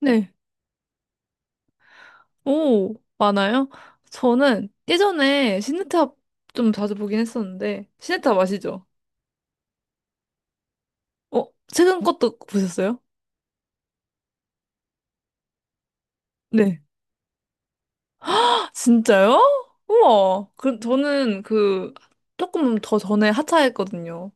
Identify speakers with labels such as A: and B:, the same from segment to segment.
A: 네. 오, 많아요? 저는 예전에 시네탑 좀 자주 보긴 했었는데, 시네탑 아시죠? 어, 최근 것도 보셨어요? 네. 아, 진짜요? 우와. 그, 저는 그, 조금 더 전에 하차했거든요.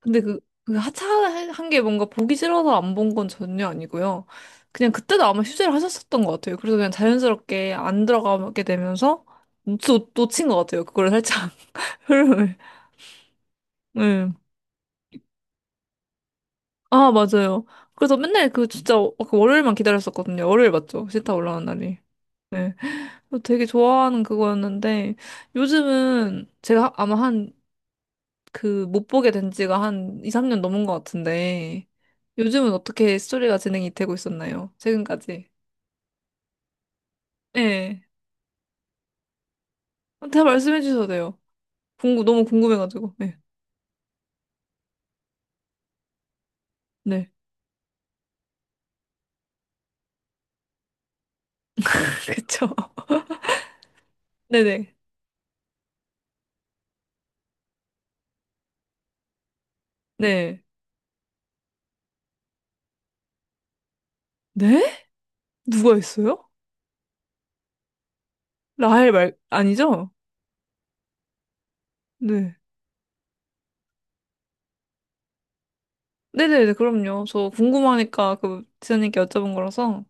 A: 근데 그, 그 하차한 게 뭔가 보기 싫어서 안 본 건 전혀 아니고요. 그냥 그때도 아마 휴재를 하셨었던 것 같아요. 그래서 그냥 자연스럽게 안 들어가게 되면서 놓친 것 같아요. 그걸 살짝 흐름을. 네. 아, 맞아요. 그래서 맨날 그 진짜 그 월요일만 기다렸었거든요. 월요일 맞죠? 시타 올라오는 날이. 네. 그래서 되게 좋아하는 그거였는데 요즘은 제가 아마 한 그 못 보게 된 지가 한 2, 3년 넘은 것 같은데 요즘은 어떻게 스토리가 진행이 되고 있었나요? 최근까지. 네. 다 말씀해 주셔도 돼요. 궁금, 너무 궁금해가지고. 네. 네. 그쵸. 네네. 네. 네? 누가 있어요? 라헬 말, 아니죠? 네. 네네네, 그럼요. 저 궁금하니까 그 지연님께 여쭤본 거라서.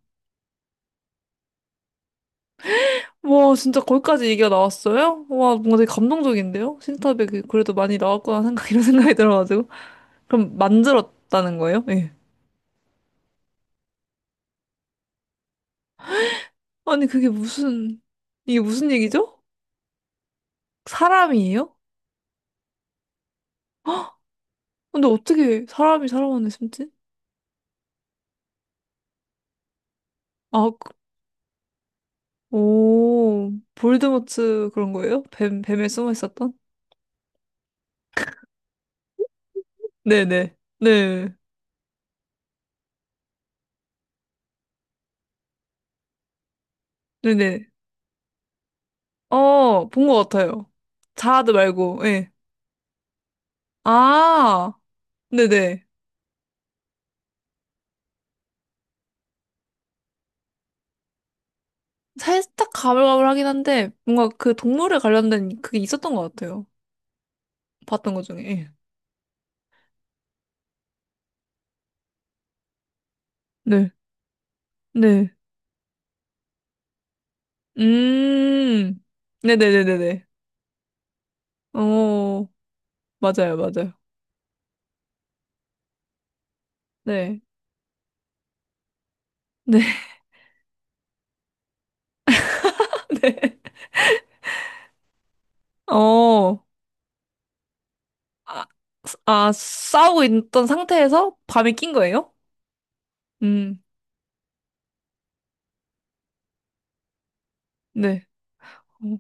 A: 와, 진짜 거기까지 얘기가 나왔어요? 와, 뭔가 되게 감동적인데요? 신탑에 그래도 많이 나왔구나 생각, 이런 생각이 들어가지고. 그럼 만들었다는 거예요? 예. 아니, 그게 무슨, 이게 무슨 얘기죠? 사람이에요? 근데 어떻게 사람이 사람 안에 숨지? 아, 오, 볼드모트 그런 거예요? 뱀, 뱀에 숨어 있었던? 네네. 네. 네네. 어, 본 것 같아요. 자아드 말고, 예. 아, 네네. 살짝 가물가물하긴 한데, 뭔가 그 동물에 관련된 그게 있었던 것 같아요. 봤던 것 중에. 예. 네, 네. 음, 네네네네네. 어, 맞아요, 맞아요. 네, 네, 네. 어, 아, 아, 싸우고 있던 상태에서 밤에 낀 거예요? 음, 네. 어,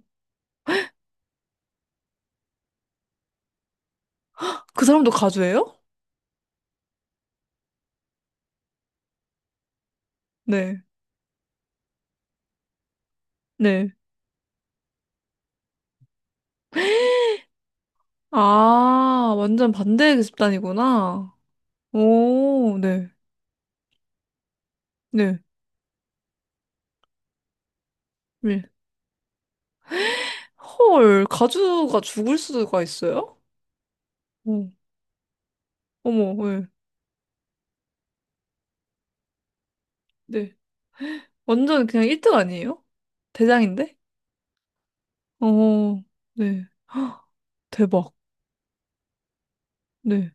A: 그 사람도 가주예요? 네, 네. 아, 완전 반대의 집단이구나. 오, 네, 네. 왜? 헐, 가주가 죽을 수가 있어요? 어, 어머, 왜? 네. 완전 그냥 1등 아니에요? 대장인데? 어, 네. 헉, 대박. 네.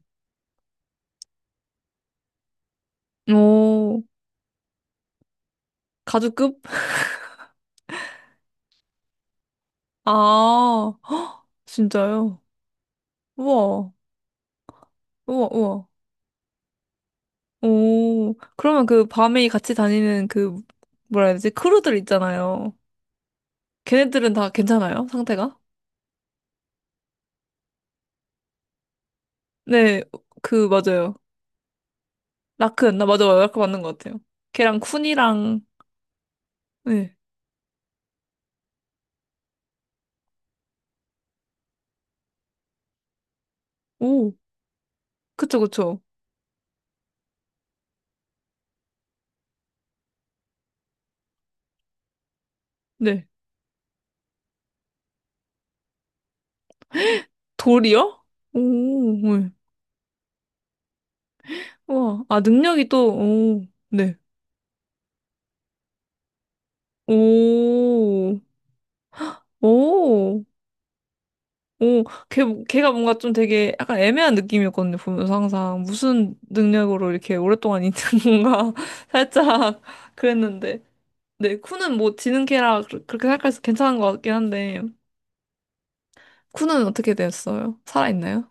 A: 어, 가주급? 아, 헉, 진짜요? 우와, 우와, 우와. 오, 그러면 그 밤에 같이 다니는 그, 뭐라 해야 되지? 크루들 있잖아요. 걔네들은 다 괜찮아요? 상태가? 네, 그, 맞아요. 라크였나? 맞아요. 라크 맞는 것 같아요. 걔랑 쿤이랑 네. 오, 그쵸, 그쵸. 네. 돌이요? 오, 네. 와, 아, 능력이 또, 오, 네. 오, 오, 오. 걔, 걔가 뭔가 좀 되게 약간 애매한 느낌이었거든요, 보면서 항상. 무슨 능력으로 이렇게 오랫동안 있는 건가. 살짝 그랬는데. 네, 쿠는 뭐 지는 걔라 그렇게 생각해서 괜찮은 것 같긴 한데. 쿠는 어떻게 됐어요? 살아있나요?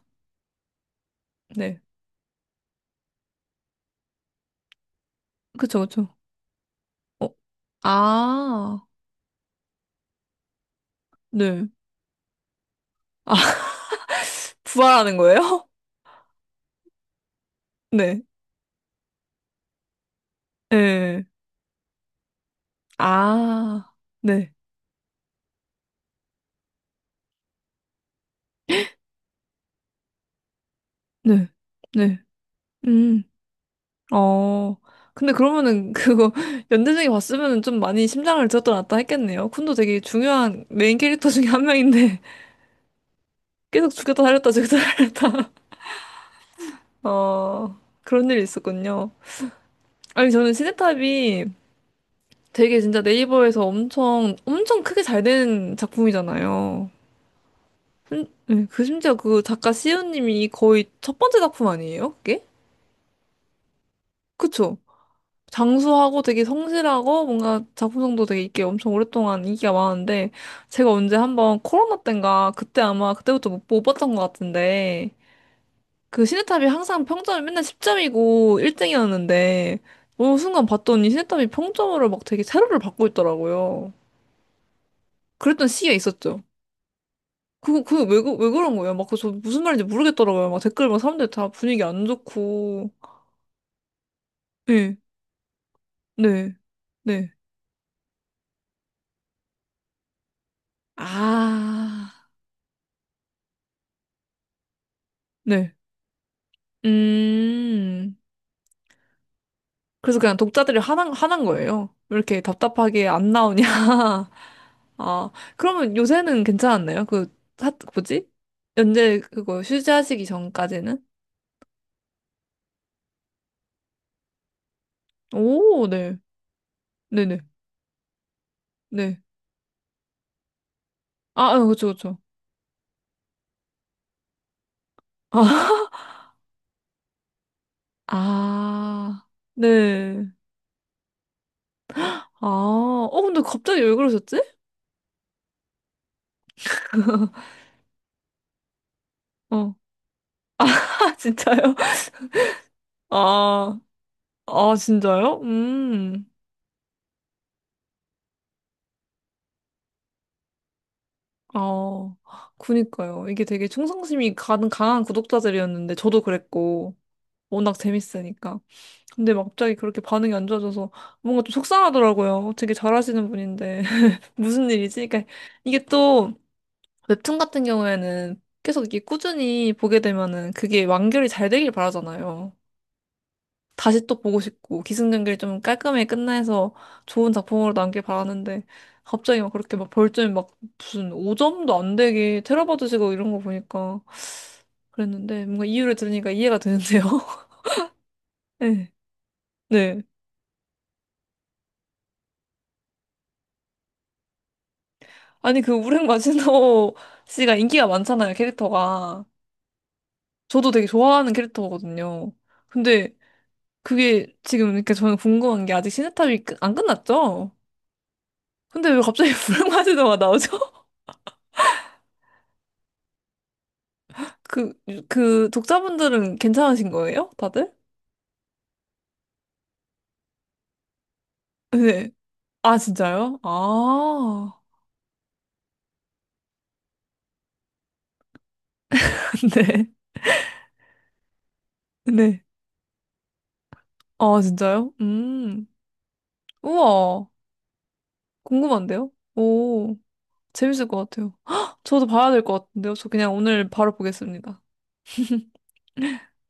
A: 네. 그쵸, 그쵸. 어, 아, 네. 아. 부활하는 거예요? 네. 네, 아, 네. 네. 네. 음. 어. 근데 그러면은 그거 연대생이 봤으면은 좀 많이 심장을 들었다 놨다 했겠네요. 쿤도 되게 중요한 메인 캐릭터 중에 한 명인데 계속 죽였다 살렸다 죽였다 살렸다. 어. 그런 일이 있었군요. 아니 저는 시네탑이 되게 진짜 네이버에서 엄청 엄청 크게 잘 된 작품이잖아요. 네, 그 심지어 그 작가 시우님이 거의 첫 번째 작품 아니에요? 그게? 그쵸? 장수하고 되게 성실하고 뭔가 작품성도 되게 있게 엄청 오랫동안 인기가 많은데 제가 언제 한번 코로나 땐가 그때 아마 그때부터 못, 못 봤던 것 같은데 그 시네탑이 항상 평점이 맨날 10점이고 1등이었는데 어느 순간 봤더니 시네탑이 평점으로 막 되게 세로를 받고 있더라고요. 그랬던 시기가 있었죠. 그거 그거 왜, 왜 그런 거예요? 막 그 저 무슨 말인지 모르겠더라고요. 막 댓글 막 사람들 다 분위기 안 좋고 네, 네, 네. 아, 네. 음, 그래서 그냥 독자들이 화난, 화난 거예요. 왜 이렇게 답답하게 안 나오냐. 아, 그러면 요새는 괜찮았나요? 그, 하, 뭐지? 연재 그거 휴지하시기 전까지는? 오, 네. 네네. 네. 아, 아, 그쵸, 그쵸. 아, 아, 네. 아, 어, 근데 갑자기 왜 그러셨지? 어. 아, 진짜요? 아, 아, 진짜요? 음. 어, 그니까요. 이게 되게 충성심이 가는 강한 구독자들이었는데, 저도 그랬고, 워낙 재밌으니까. 근데 막 갑자기 그렇게 반응이 안 좋아져서 뭔가 좀 속상하더라고요. 되게 잘하시는 분인데. 무슨 일이지? 그러니까 이게 또 웹툰 같은 경우에는 계속 이게 꾸준히 보게 되면은 그게 완결이 잘 되길 바라잖아요. 다시 또 보고 싶고 기승전결이 좀 깔끔하게 끝나서 좋은 작품으로 남길 바라는데 갑자기 막 그렇게 막 벌점이 막 무슨 5점도 안 되게 테러받으시고 이런 거 보니까 그랬는데 뭔가 이유를 들으니까 이해가 되는데요. 네. 네. 아니 그 우랭 마지노 씨가 인기가 많잖아요, 캐릭터가. 저도 되게 좋아하는 캐릭터거든요. 근데 그게 지금 이렇게 저는 궁금한 게 아직 시네탑이 안 끝났죠? 근데 왜 갑자기 우랭 마지노가 나오죠? 그, 그 독자분들은 괜찮으신 거예요? 다들? 네. 아, 진짜요? 아, 네. 네. 아, 진짜요? 음. 우와. 궁금한데요? 오, 재밌을 것 같아요. 헉, 저도 봐야 될 것 같은데요? 저 그냥 오늘 바로 보겠습니다.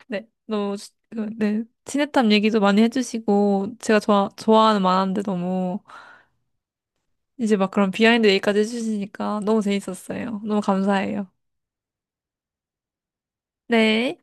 A: 네. 너무, 그, 네. 친해탐 얘기도 많이 해주시고, 제가 좋아, 좋아하는 만화인데 너무, 이제 막 그런 비하인드 얘기까지 해주시니까 너무 재밌었어요. 너무 감사해요. 네.